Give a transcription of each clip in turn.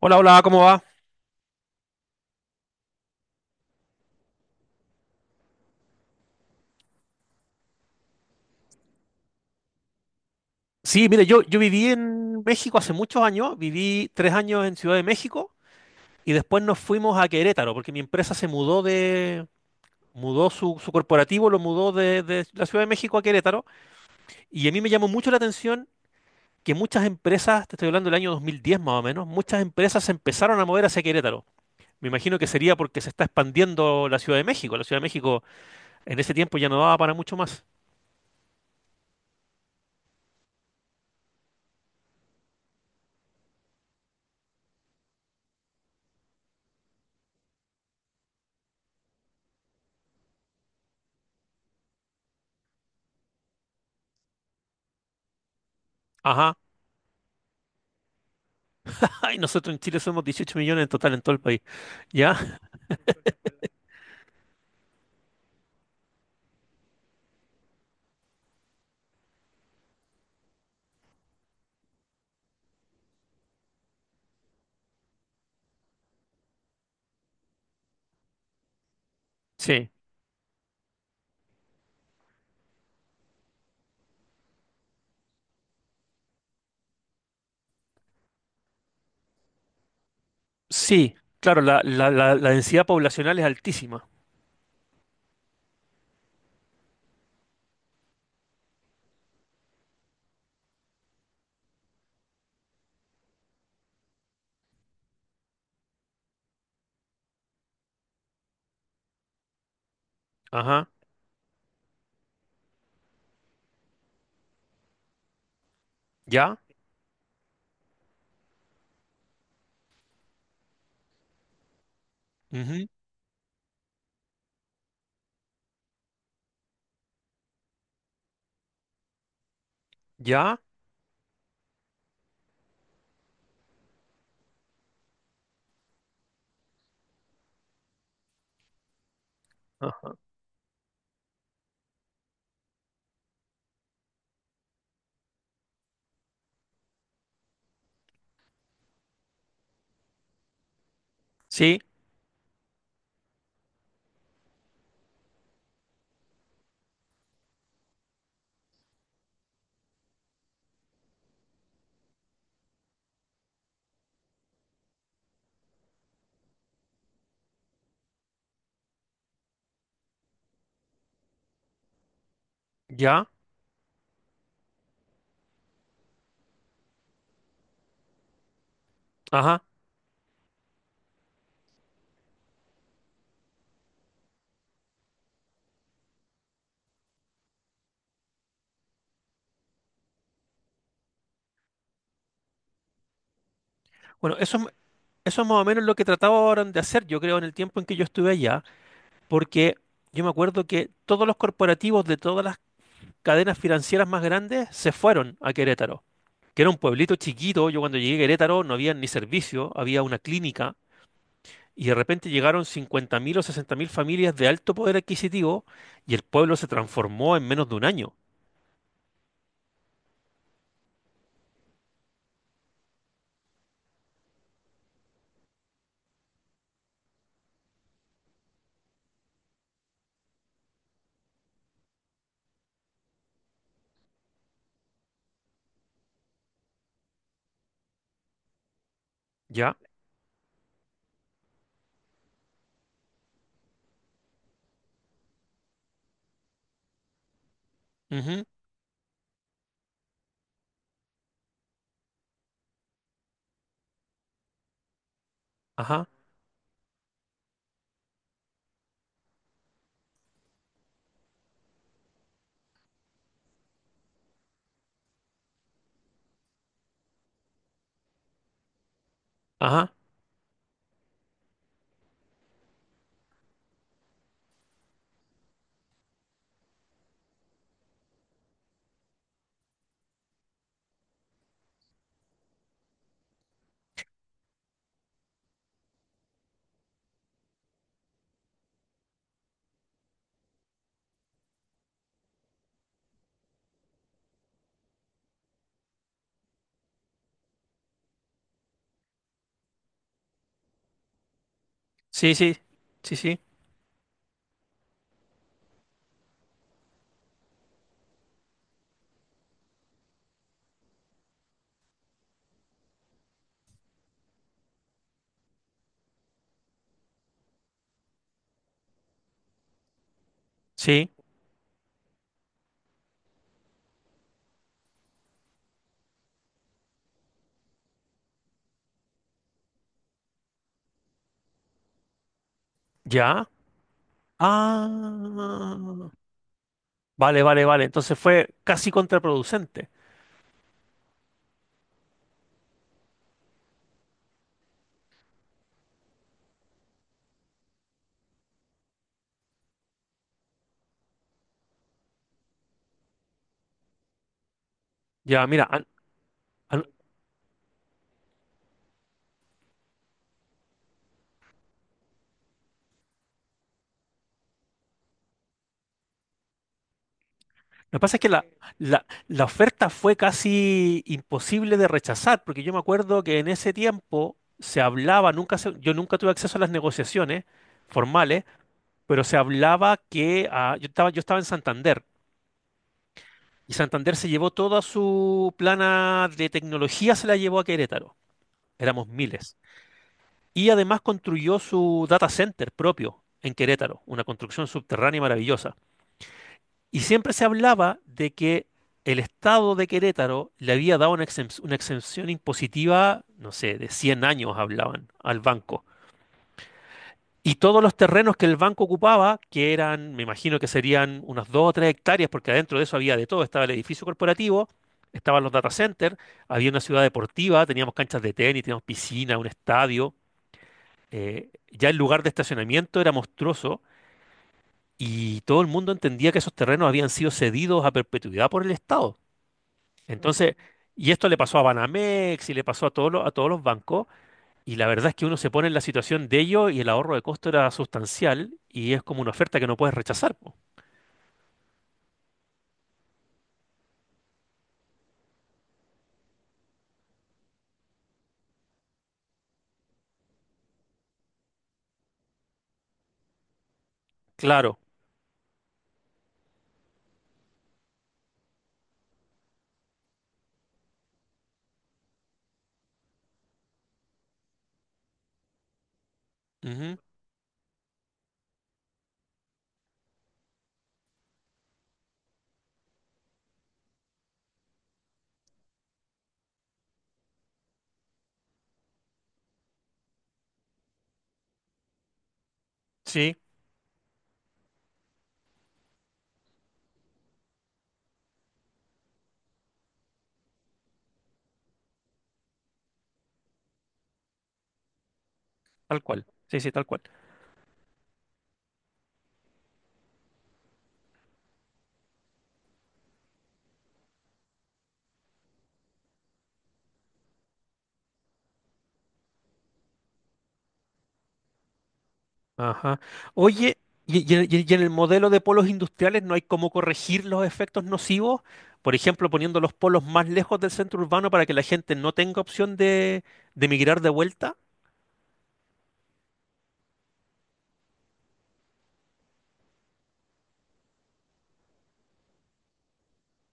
Hola, hola, ¿cómo va? Sí, mire, yo viví en México hace muchos años, viví tres años en Ciudad de México y después nos fuimos a Querétaro porque mi empresa se mudó mudó su corporativo, lo mudó de la Ciudad de México a Querétaro y a mí me llamó mucho la atención que muchas empresas, te estoy hablando del año 2010 más o menos, muchas empresas se empezaron a mover hacia Querétaro. Me imagino que sería porque se está expandiendo la Ciudad de México. La Ciudad de México en ese tiempo ya no daba para mucho más. Ajá. Ay, nosotros en Chile somos 18 millones en total en todo el país. ¿Ya? Sí, sí, claro, la densidad poblacional es altísima. Ajá, ya, ujú, ya, ajá, sí, ya, ajá. Bueno, eso es más o menos lo que trataban de hacer, yo creo, en el tiempo en que yo estuve allá, porque yo me acuerdo que todos los corporativos de todas las cadenas financieras más grandes se fueron a Querétaro, que era un pueblito chiquito. Yo cuando llegué a Querétaro no había ni servicio, había una clínica. Y de repente llegaron 50.000 o 60.000 familias de alto poder adquisitivo y el pueblo se transformó en menos de un año. ¿Ya? Ujú. Ajá, ajá. Sí, sí, sí, sí, sí. ¿Ya? Ah. Vale, vale, vale. Entonces fue casi contraproducente. Ya, mira, an- lo que pasa es que la oferta fue casi imposible de rechazar, porque yo me acuerdo que en ese tiempo se hablaba, nunca se- yo nunca tuve acceso a las negociaciones formales, pero se hablaba que yo estaba en Santander y Santander se llevó toda su plana de tecnología, se la llevó a Querétaro. Éramos miles. Y además construyó su data center propio en Querétaro, una construcción subterránea maravillosa. Y siempre se hablaba de que el Estado de Querétaro le había dado una una exención impositiva, no sé, de 100 años hablaban al banco. Y todos los terrenos que el banco ocupaba, que eran, me imagino que serían unas 2 o 3 hectáreas, porque adentro de eso había de todo, estaba el edificio corporativo, estaban los data centers, había una ciudad deportiva, teníamos canchas de tenis, teníamos piscina, un estadio. Ya el lugar de estacionamiento era monstruoso y todo el mundo entendía que esos terrenos habían sido cedidos a perpetuidad por el Estado. Entonces, y esto le pasó a Banamex y le pasó a a todos los bancos, y la verdad es que uno se pone en la situación de ello y el ahorro de costo era sustancial y es como una oferta que no puedes rechazar, po. Claro. Ujú. Sí, tal cual. Sí, sí, tal cual. Ajá. Oye, y en el modelo de polos industriales ¿no hay cómo corregir los efectos nocivos? Por ejemplo, poniendo los polos más lejos del centro urbano para que la gente no tenga opción de migrar de vuelta,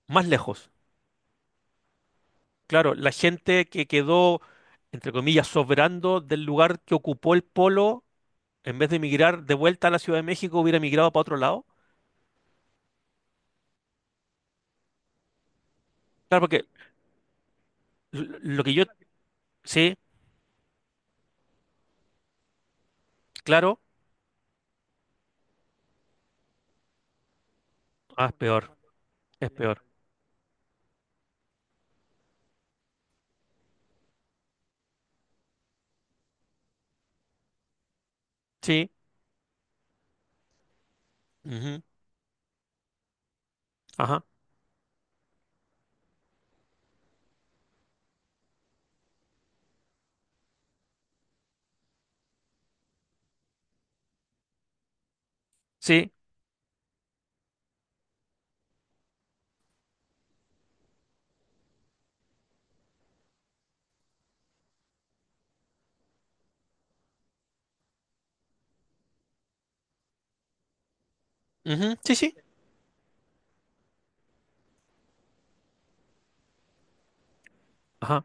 más lejos. Claro, la gente que quedó, entre comillas, sobrando del lugar que ocupó el polo, en vez de emigrar de vuelta a la Ciudad de México, hubiera emigrado para otro lado. Claro, porque lo que yo... Sí, claro. Ah, es peor, es peor. Sí, ujú, ajá, sí, ujú, sí, sí, ajá,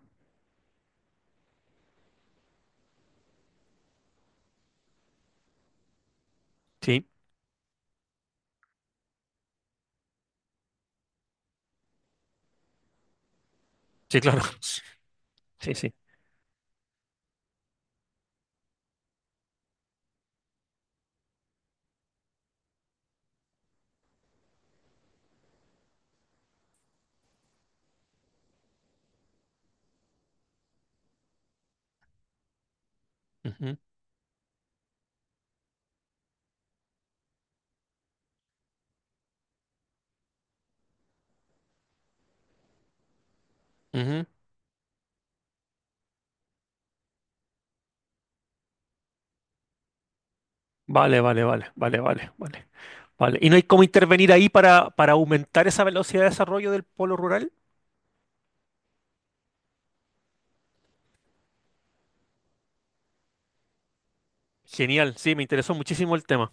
sí, sí, claro. Sí, sí. Ujú, ujú. Vale, vale, vale, vale, vale, vale, vale. ¿Y no hay cómo intervenir ahí para aumentar esa velocidad de desarrollo del polo rural? Genial, sí, me interesó muchísimo el tema.